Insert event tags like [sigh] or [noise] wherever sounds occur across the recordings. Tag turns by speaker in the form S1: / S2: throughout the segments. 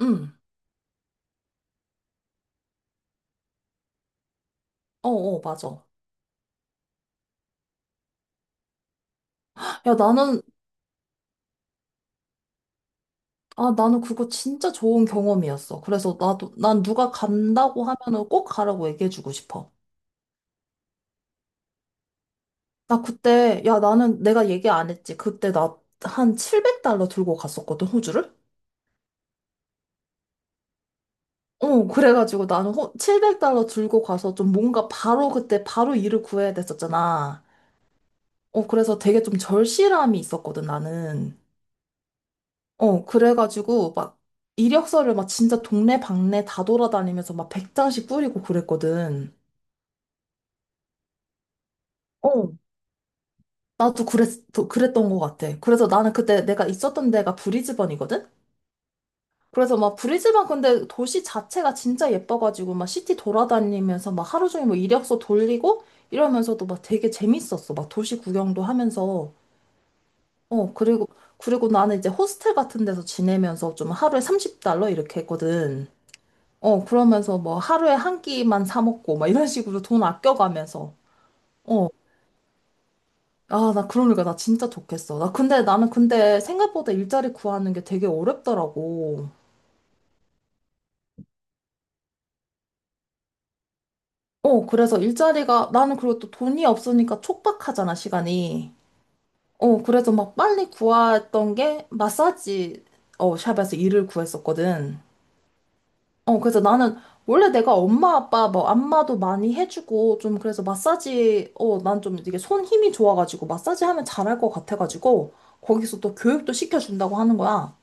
S1: 응. 어어, 맞아. 야, 나는, 나는 그거 진짜 좋은 경험이었어. 그래서 난 누가 간다고 하면은 꼭 가라고 얘기해주고 싶어. 야, 나는 내가 얘기 안 했지. 그때 나 한 700달러 들고 갔었거든, 호주를? 그래가지고 700달러 들고 가서 좀 뭔가 바로 그때 바로 일을 구해야 됐었잖아. 그래서 되게 좀 절실함이 있었거든, 나는. 그래가지고 막 이력서를 막 진짜 동네 방네 다 돌아다니면서 막 100장씩 뿌리고 그랬거든. 어, 나도 그랬, 그랬던 것 같아. 그래서 나는 그때 내가 있었던 데가 브리즈번이거든? 그래서 막 브리즈번 근데 도시 자체가 진짜 예뻐가지고 막 시티 돌아다니면서 막 하루 종일 뭐 이력서 돌리고 이러면서도 막 되게 재밌었어. 막 도시 구경도 하면서. 어, 그리고, 그리고 나는 이제 호스텔 같은 데서 지내면서 좀 하루에 30달러 이렇게 했거든. 그러면서 뭐 하루에 한 끼만 사 먹고 막 이런 식으로 돈 아껴가면서. 어. 아, 나 그러니까 나 진짜 좋겠어. 나 근데 나는 근데 생각보다 일자리 구하는 게 되게 어렵더라고. 그래서 일자리가 나는 그리고 또 돈이 없으니까 촉박하잖아, 시간이. 그래서 막 빨리 구했던 게 마사지 샵에서 일을 구했었거든. 그래서 나는 원래 내가 엄마 아빠 뭐 안마도 많이 해주고 좀 그래서 마사지 난 좀 이게 손 힘이 좋아가지고 마사지 하면 잘할 것 같아가지고 거기서 또 교육도 시켜준다고 하는 거야.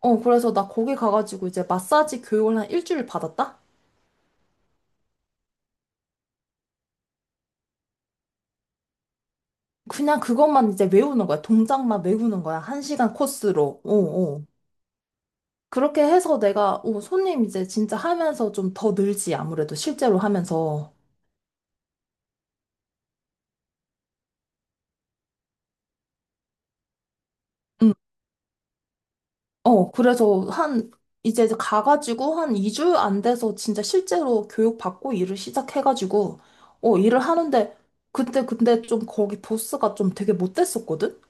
S1: 그래서 나 거기 가가지고 이제 마사지 교육을 한 일주일 받았다? 그냥 그것만 이제 외우는 거야. 동작만 외우는 거야. 한 시간 코스로. 어, 어. 그렇게 해서 내가 손님 이제 진짜 하면서 좀 더 늘지 아무래도 실제로 하면서. 음. 어, 그래서 한, 이제 가가지고 한 2주 안 돼서 진짜 실제로 교육받고 일을 시작해가지고, 일을 하는데, 그때 근데 좀 거기 보스가 좀 되게 못됐었거든?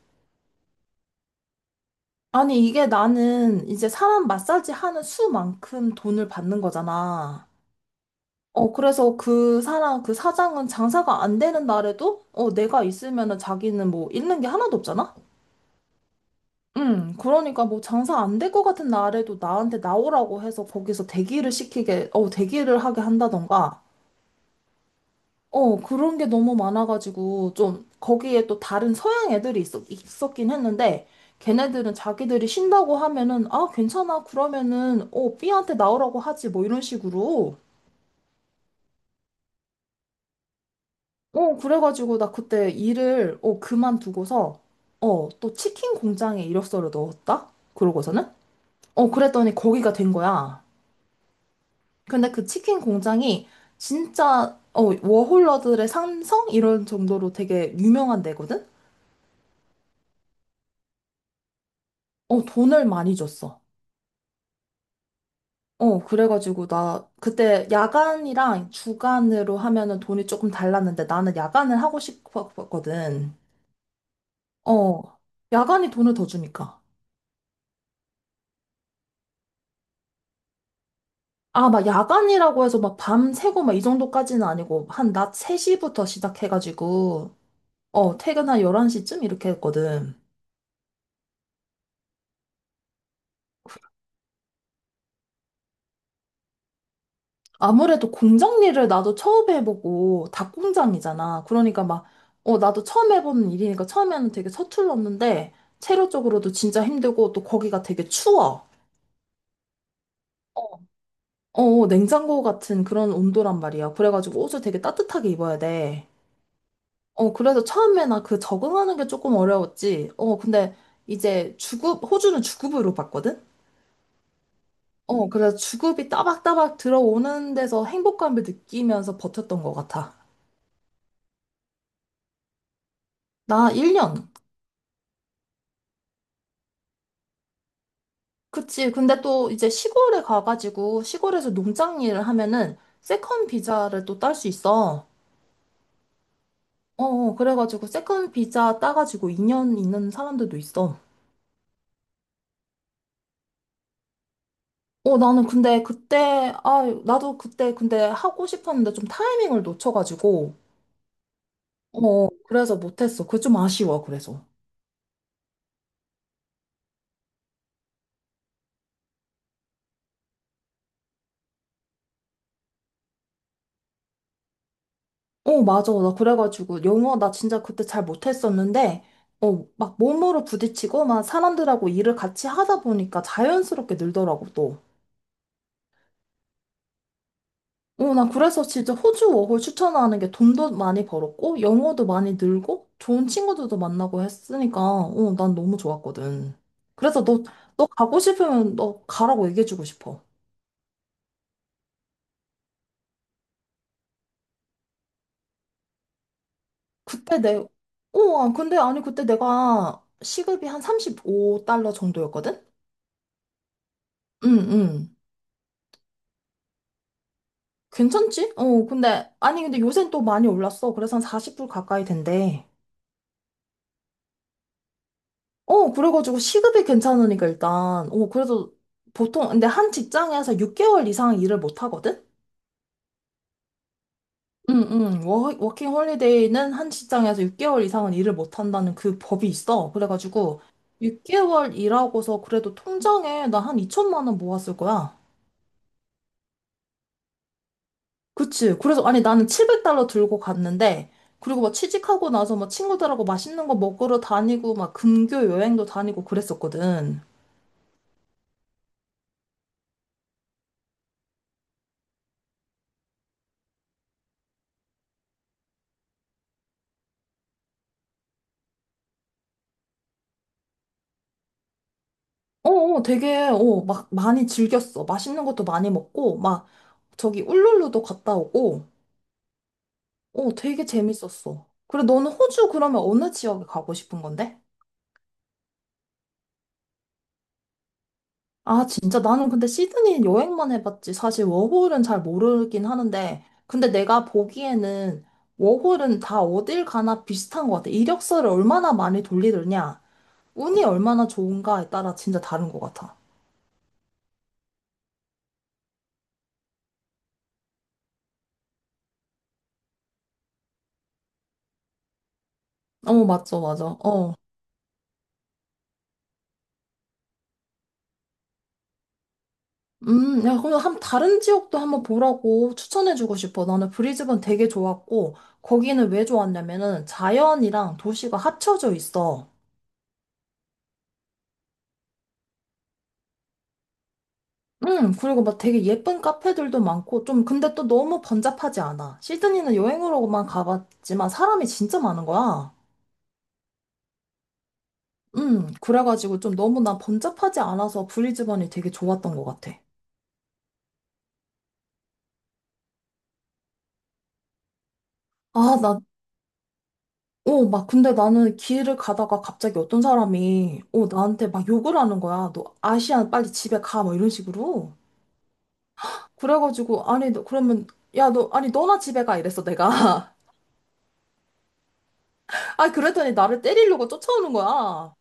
S1: 아니, 이게 나는 이제 사람 마사지 하는 수만큼 돈을 받는 거잖아. 그래서 그 사장은 장사가 안 되는 날에도, 내가 있으면은 자기는 뭐 잃는 게 하나도 없잖아? 응, 그러니까 뭐 장사 안 될 것 같은 날에도 나한테 나오라고 해서 거기서 대기를 하게 한다던가, 그런 게 너무 많아가지고 좀 거기에 또 다른 서양 애들이 있었긴 했는데 걔네들은 자기들이 쉰다고 하면은 아, 괜찮아. 그러면은 B한테 나오라고 하지 뭐 이런 식으로. 그래가지고 나 그때 일을 그만두고서 또 치킨 공장에 이력서를 넣었다? 그러고서는? 그랬더니 거기가 된 거야. 근데 그 치킨 공장이 진짜 워홀러들의 삼성 이런 정도로 되게 유명한 데거든? 돈을 많이 줬어. 그래가지고 나 그때 야간이랑 주간으로 하면은 돈이 조금 달랐는데 나는 야간을 하고 싶었거든. 어, 야간이 돈을 더 주니까. 아, 막 야간이라고 해서 막 밤 새고 막 이 정도까지는 아니고 한 낮 3시부터 시작해가지고 퇴근 한 11시쯤 이렇게 했거든. 아무래도 공장 일을 나도 처음 해보고 닭 공장이잖아. 그러니까 막, 나도 처음 해보는 일이니까 처음에는 되게 서툴렀는데, 체력적으로도 진짜 힘들고, 또 거기가 되게 추워. 어. 냉장고 같은 그런 온도란 말이야. 그래가지고 옷을 되게 따뜻하게 입어야 돼. 그래서 처음에 나 그 적응하는 게 조금 어려웠지. 근데 이제 호주는 주급으로 봤거든? 그래서 주급이 따박따박 들어오는 데서 행복감을 느끼면서 버텼던 것 같아. 나 1년. 그치. 근데 또 이제 시골에 가가지고 시골에서 농장 일을 하면은 세컨 비자를 또 딸 수 있어. 그래가지고 세컨 비자 따가지고 2년 있는 사람들도 있어. 어, 나는 근데 그때, 아, 나도 그때 근데 하고 싶었는데 좀 타이밍을 놓쳐가지고, 그래서 못했어. 그게 좀 아쉬워, 그래서. 맞아. 나 그래가지고 영어 나 진짜 그때 잘 못했었는데, 막 몸으로 부딪히고 막 사람들하고 일을 같이 하다 보니까 자연스럽게 늘더라고, 또. 나 그래서 진짜 호주 워홀 추천하는 게 돈도 많이 벌었고, 영어도 많이 늘고, 좋은 친구들도 만나고 했으니까, 난 너무 좋았거든. 그래서 너 가고 싶으면 너 가라고 얘기해주고 싶어. 그때 내, 어, 아, 근데 아니, 그때 내가 시급이 한 35달러 정도였거든? 응, 응. 괜찮지? 아니, 근데 요새는 또 많이 올랐어. 그래서 한 40불 가까이 된대. 그래가지고 시급이 괜찮으니까 일단, 그래서 근데 한 직장에서 6개월 이상 일을 못 하거든? 응, 응. 워킹 홀리데이는 한 직장에서 6개월 이상은 일을 못 한다는 그 법이 있어. 그래가지고, 6개월 일하고서 그래도 통장에 나 한 2천만 원 모았을 거야. 그치. 그래서, 아니, 나는 700달러 들고 갔는데, 그리고 막 취직하고 나서 막 친구들하고 맛있는 거 먹으러 다니고, 막 금교 여행도 다니고 그랬었거든. 어, 되게, 막 많이 즐겼어. 맛있는 것도 많이 먹고, 막 저기 울룰루도 갔다 오고, 되게 재밌었어. 그래, 너는 호주 그러면 어느 지역에 가고 싶은 건데? 아, 진짜 나는 근데 시드니 여행만 해봤지. 사실 워홀은 잘 모르긴 하는데, 근데 내가 보기에는 워홀은 다 어딜 가나 비슷한 것 같아. 이력서를 얼마나 많이 돌리느냐, 운이 얼마나 좋은가에 따라 진짜 다른 것 같아. 맞죠, 맞아. 어. 야, 그럼 한 다른 지역도 한번 보라고 추천해주고 싶어. 나는 브리즈번 되게 좋았고, 거기는 왜 좋았냐면은 자연이랑 도시가 합쳐져 있어. 그리고 막 되게 예쁜 카페들도 많고, 좀 근데 또 너무 번잡하지 않아. 시드니는 여행으로만 가봤지만 사람이 진짜 많은 거야. 그래가지고 좀 너무 나 번잡하지 않아서 브리즈번이 되게 좋았던 것 같아. 아, 나 근데 나는 길을 가다가 갑자기 어떤 사람이, 나한테 막 욕을 하는 거야. 너 아시안 빨리 집에 가. 막 이런 식으로. 그래가지고, 아니, 너, 그러면, 야, 너, 아니, 너나 집에 가. 이랬어, 내가. [laughs] 아, 그랬더니 나를 때리려고 쫓아오는 거야.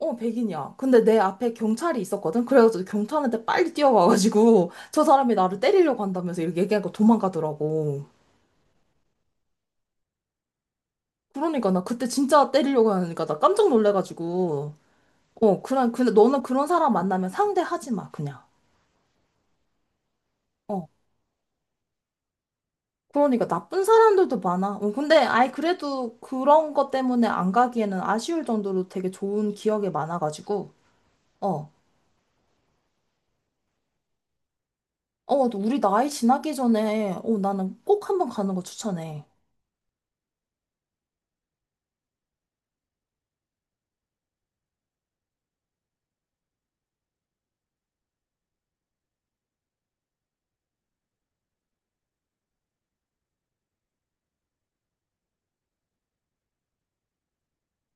S1: 백인이야. 근데 내 앞에 경찰이 있었거든. 그래가지고 경찰한테 빨리 뛰어가가지고, [laughs] 저 사람이 나를 때리려고 한다면서 이렇게 얘기하고 도망가더라고. 그러니까 나 그때 진짜 때리려고 하니까 나 깜짝 놀래가지고, 근데 너는 그런 사람 만나면 상대하지 마, 그냥. 어. 그러니까 나쁜 사람들도 많아. 근데 아이 그래도 그런 것 때문에 안 가기에는 아쉬울 정도로 되게 좋은 기억이 많아가지고. 어. 또 우리 나이 지나기 전에 나는 꼭 한번 가는 거 추천해.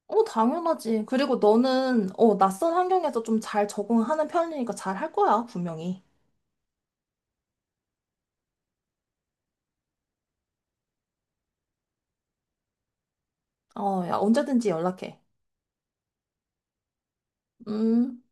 S1: 당연하지. 그리고 너는 낯선 환경에서 좀 잘 적응하는 편이니까 잘 할 거야, 분명히. 야, 언제든지 연락해. 음.